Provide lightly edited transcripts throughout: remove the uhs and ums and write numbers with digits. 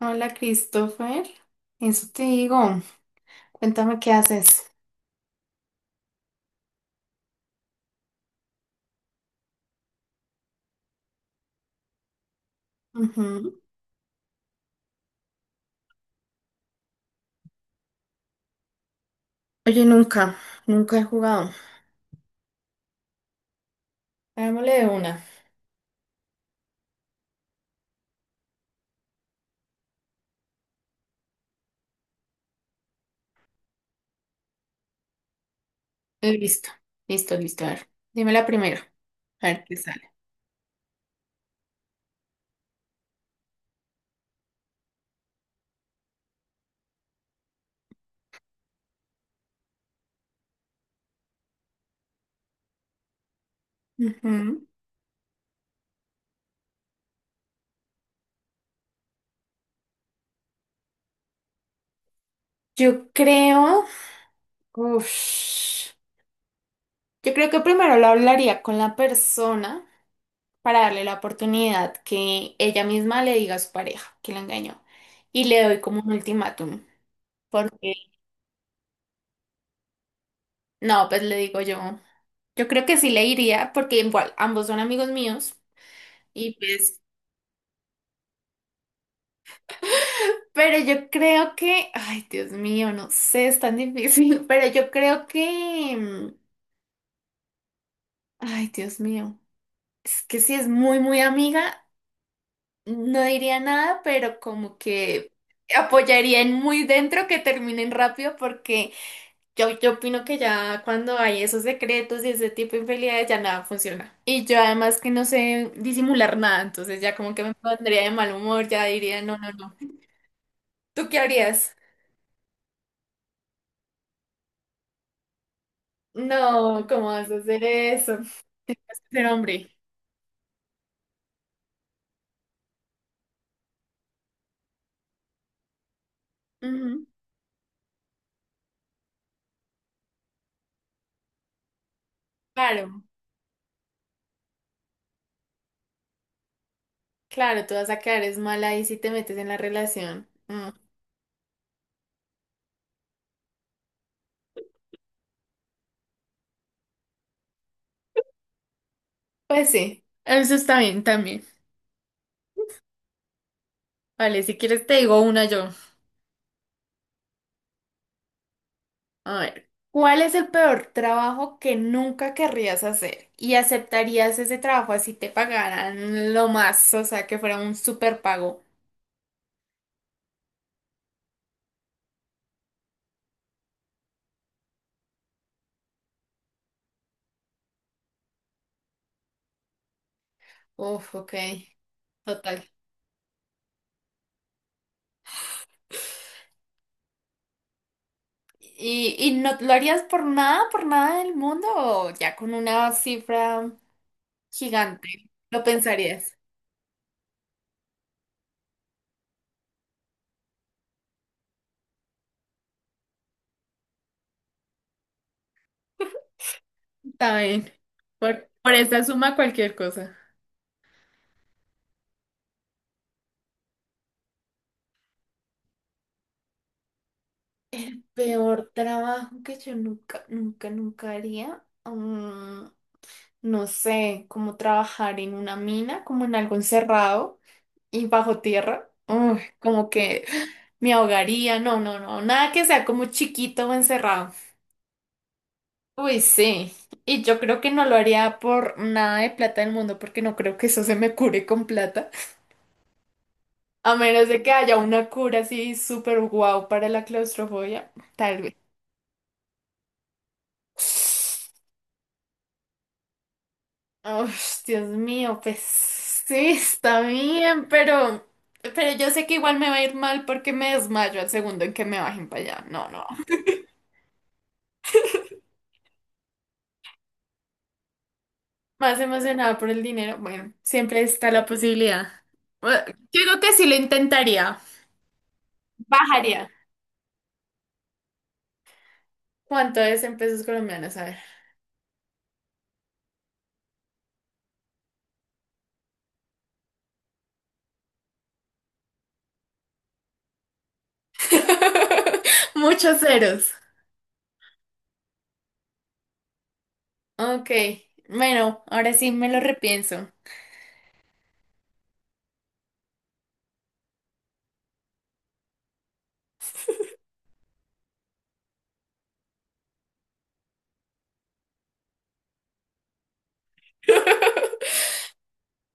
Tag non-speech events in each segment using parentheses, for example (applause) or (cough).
Hola, Christopher. Eso te digo. Cuéntame qué haces. Ujú. Oye, nunca, nunca he jugado. Hagámosle de una. listo, listo, listo. A ver, dime la primera. A ver qué sale. Ujú. Yo creo. Uf. Yo creo que primero lo hablaría con la persona para darle la oportunidad que ella misma le diga a su pareja que la engañó. Y le doy como un ultimátum. No, pues le digo yo. Yo creo que sí le iría, porque igual ambos son amigos míos. Y pues, pero yo creo que, ay, Dios mío, no sé, es tan difícil, (laughs) pero yo creo que, ay, Dios mío, es que si es muy, muy amiga, no diría nada, pero como que apoyaría en muy dentro que terminen rápido, porque yo opino que ya cuando hay esos secretos y ese tipo de infidelidades ya nada funciona. Y yo además que no sé disimular nada, entonces ya como que me pondría de mal humor, ya diría, no, no, no. ¿Tú qué harías? No, ¿cómo vas a hacer eso? Pero hombre, ujú, claro, claro, tú vas a quedar es mala ahí si te metes en la relación. Mm. Pues sí, eso está bien también. Vale, si quieres te digo una yo. A ver, ¿cuál es el peor trabajo que nunca querrías hacer? ¿Y aceptarías ese trabajo así te pagaran lo más, o sea, que fuera un super pago? Uf, ok, total. ¿Y no lo harías por nada del mundo o ya con una cifra gigante? ¿Lo pensarías? Está bien. Por esa suma cualquier cosa. Peor trabajo que yo nunca, nunca, nunca haría. Mm, no sé, como trabajar en una mina, como en algo encerrado y bajo tierra. Uy, como que me ahogaría. No, no, no, nada que sea como chiquito o encerrado. Uy, sí. Y yo creo que no lo haría por nada de plata del mundo, porque no creo que eso se me cure con plata. A menos de que haya una cura así súper guau para la claustrofobia, tal vez. Ush, Dios mío, pues sí, está bien, pero yo sé que igual me va a ir mal porque me desmayo al segundo en que me bajen para allá. No, no. Más emocionada por el dinero. Bueno, siempre está la posibilidad. Bueno, yo creo que sí lo intentaría. Bajaría. ¿Cuánto es en pesos colombianos? A ver. (laughs) Muchos ceros. Ok. Bueno, ahora sí me lo repienso.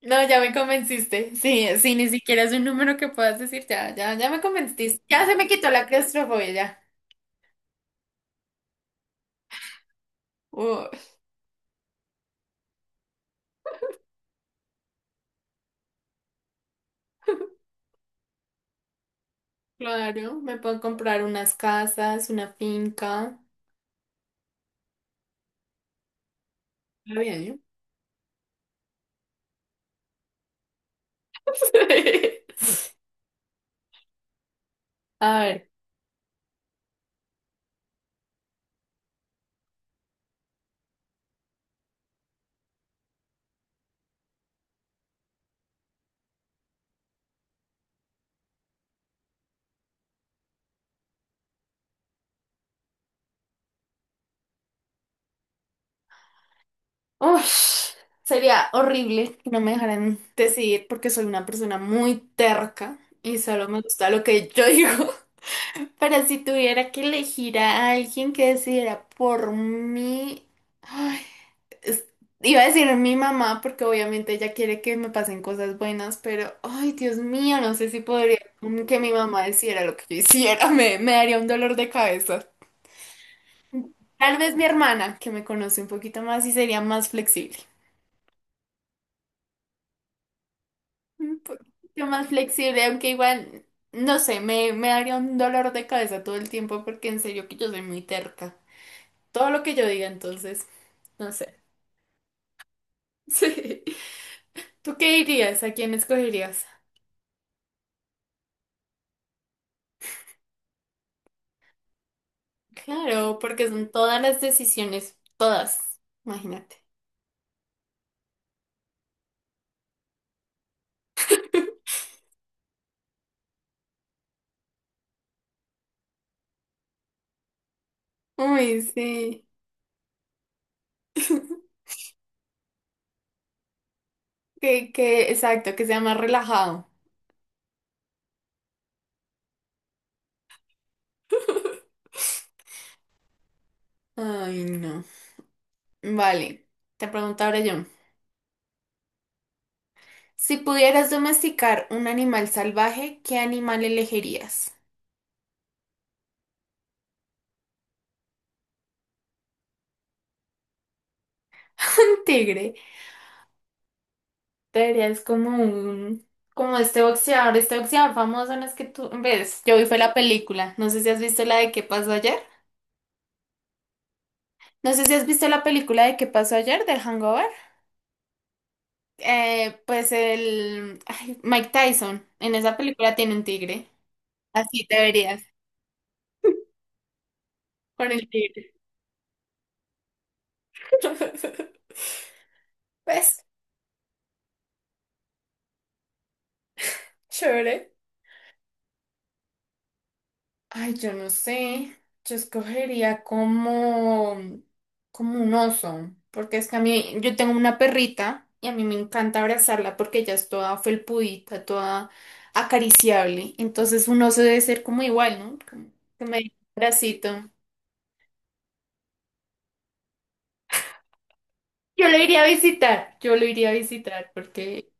No, ya me convenciste. Sí, sí, ni siquiera es un número que puedas decir. Ya, ya, ya me convenciste. Ya se me quitó la claustrofobia, ya. Uh, claro, me puedo comprar unas casas, una finca. Está bien, ¿no? (laughs) A ver. Ush, sería horrible que no me dejaran decidir porque soy una persona muy terca y solo me gusta lo que yo digo. (laughs) Pero si tuviera que elegir a alguien que decidiera por mí. Ay, es- iba a decir mi mamá, porque obviamente ella quiere que me pasen cosas buenas, pero, ay, Dios mío, no sé si podría, mm, que mi mamá hiciera lo que yo hiciera, (laughs) me daría un dolor de cabeza. Tal vez mi hermana, que me conoce un poquito más y sería más flexible. Un poquito más flexible, aunque igual, no sé, me daría un dolor de cabeza todo el tiempo, porque en serio que yo soy muy terca. Todo lo que yo diga, entonces, no sé. (laughs) Sí. ¿Tú qué dirías? ¿A quién escogerías? Claro, porque son todas las decisiones, todas, imagínate. Uy, sí. (laughs) Exacto, que sea más relajado. (laughs) Ay, no. Vale, te pregunto ahora yo. Si pudieras domesticar un animal salvaje, ¿qué animal elegirías? (laughs) Un tigre. Traerías como un... Como este boxeador famoso, no es que tú... ¿Ves? Yo vi fue la película. No sé si has visto la de ¿Qué pasó ayer? No sé si has visto la película de ¿Qué pasó ayer?, del Hangover. Pues el, ay, Mike Tyson en esa película tiene un tigre. Así te verías con el tigre. (laughs) Pues, chévere. Ay, yo no sé. Yo escogería como, como un oso. Porque es que a mí, yo tengo una perrita y a mí me encanta abrazarla porque ella es toda felpudita, toda acariciable. Entonces un oso debe ser como igual, ¿no? Como que me dé un abracito. Yo lo iría a visitar, yo lo iría a visitar porque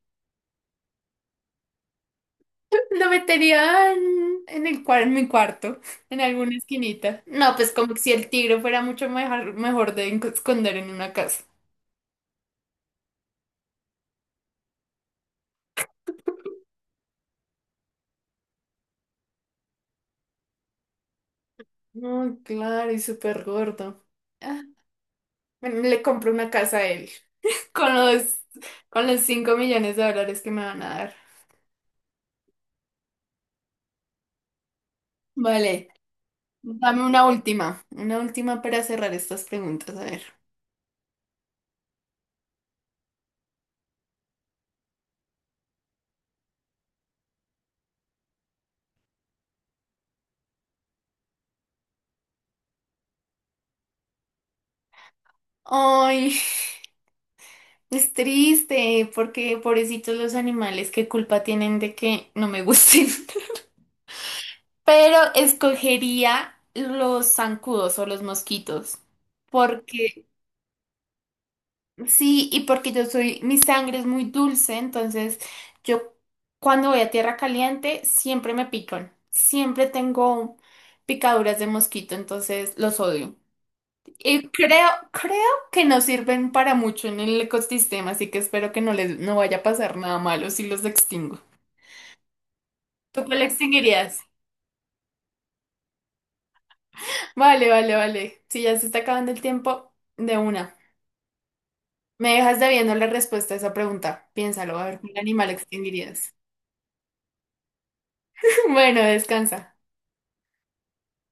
lo metería en el en mi cuarto, en alguna esquinita. No, pues como si el tigre fuera mucho mejor, mejor de esconder en una casa. No, claro, y súper gordo. Ah, bueno, le compro una casa a él. (laughs) Con los, con los 5 millones de dólares que me van a dar. Vale, dame una última. Una última para cerrar estas preguntas. A ver. Ay, es triste, porque pobrecitos los animales, ¿qué culpa tienen de que no me gusten? (laughs) Pero escogería los zancudos o los mosquitos. Porque sí, y porque yo soy, mi sangre es muy dulce, entonces yo cuando voy a tierra caliente siempre me pican. Siempre tengo picaduras de mosquito, entonces los odio. Y creo que no sirven para mucho en el ecosistema, así que espero que no les no vaya a pasar nada malo si los extingo. ¿Tú cuál extinguirías? Vale, vale, vale. Si ya se está acabando el tiempo, de una. Me dejas debiendo la respuesta a esa pregunta. Piénsalo, a ver, ¿qué animal extinguirías? (laughs) Bueno, descansa.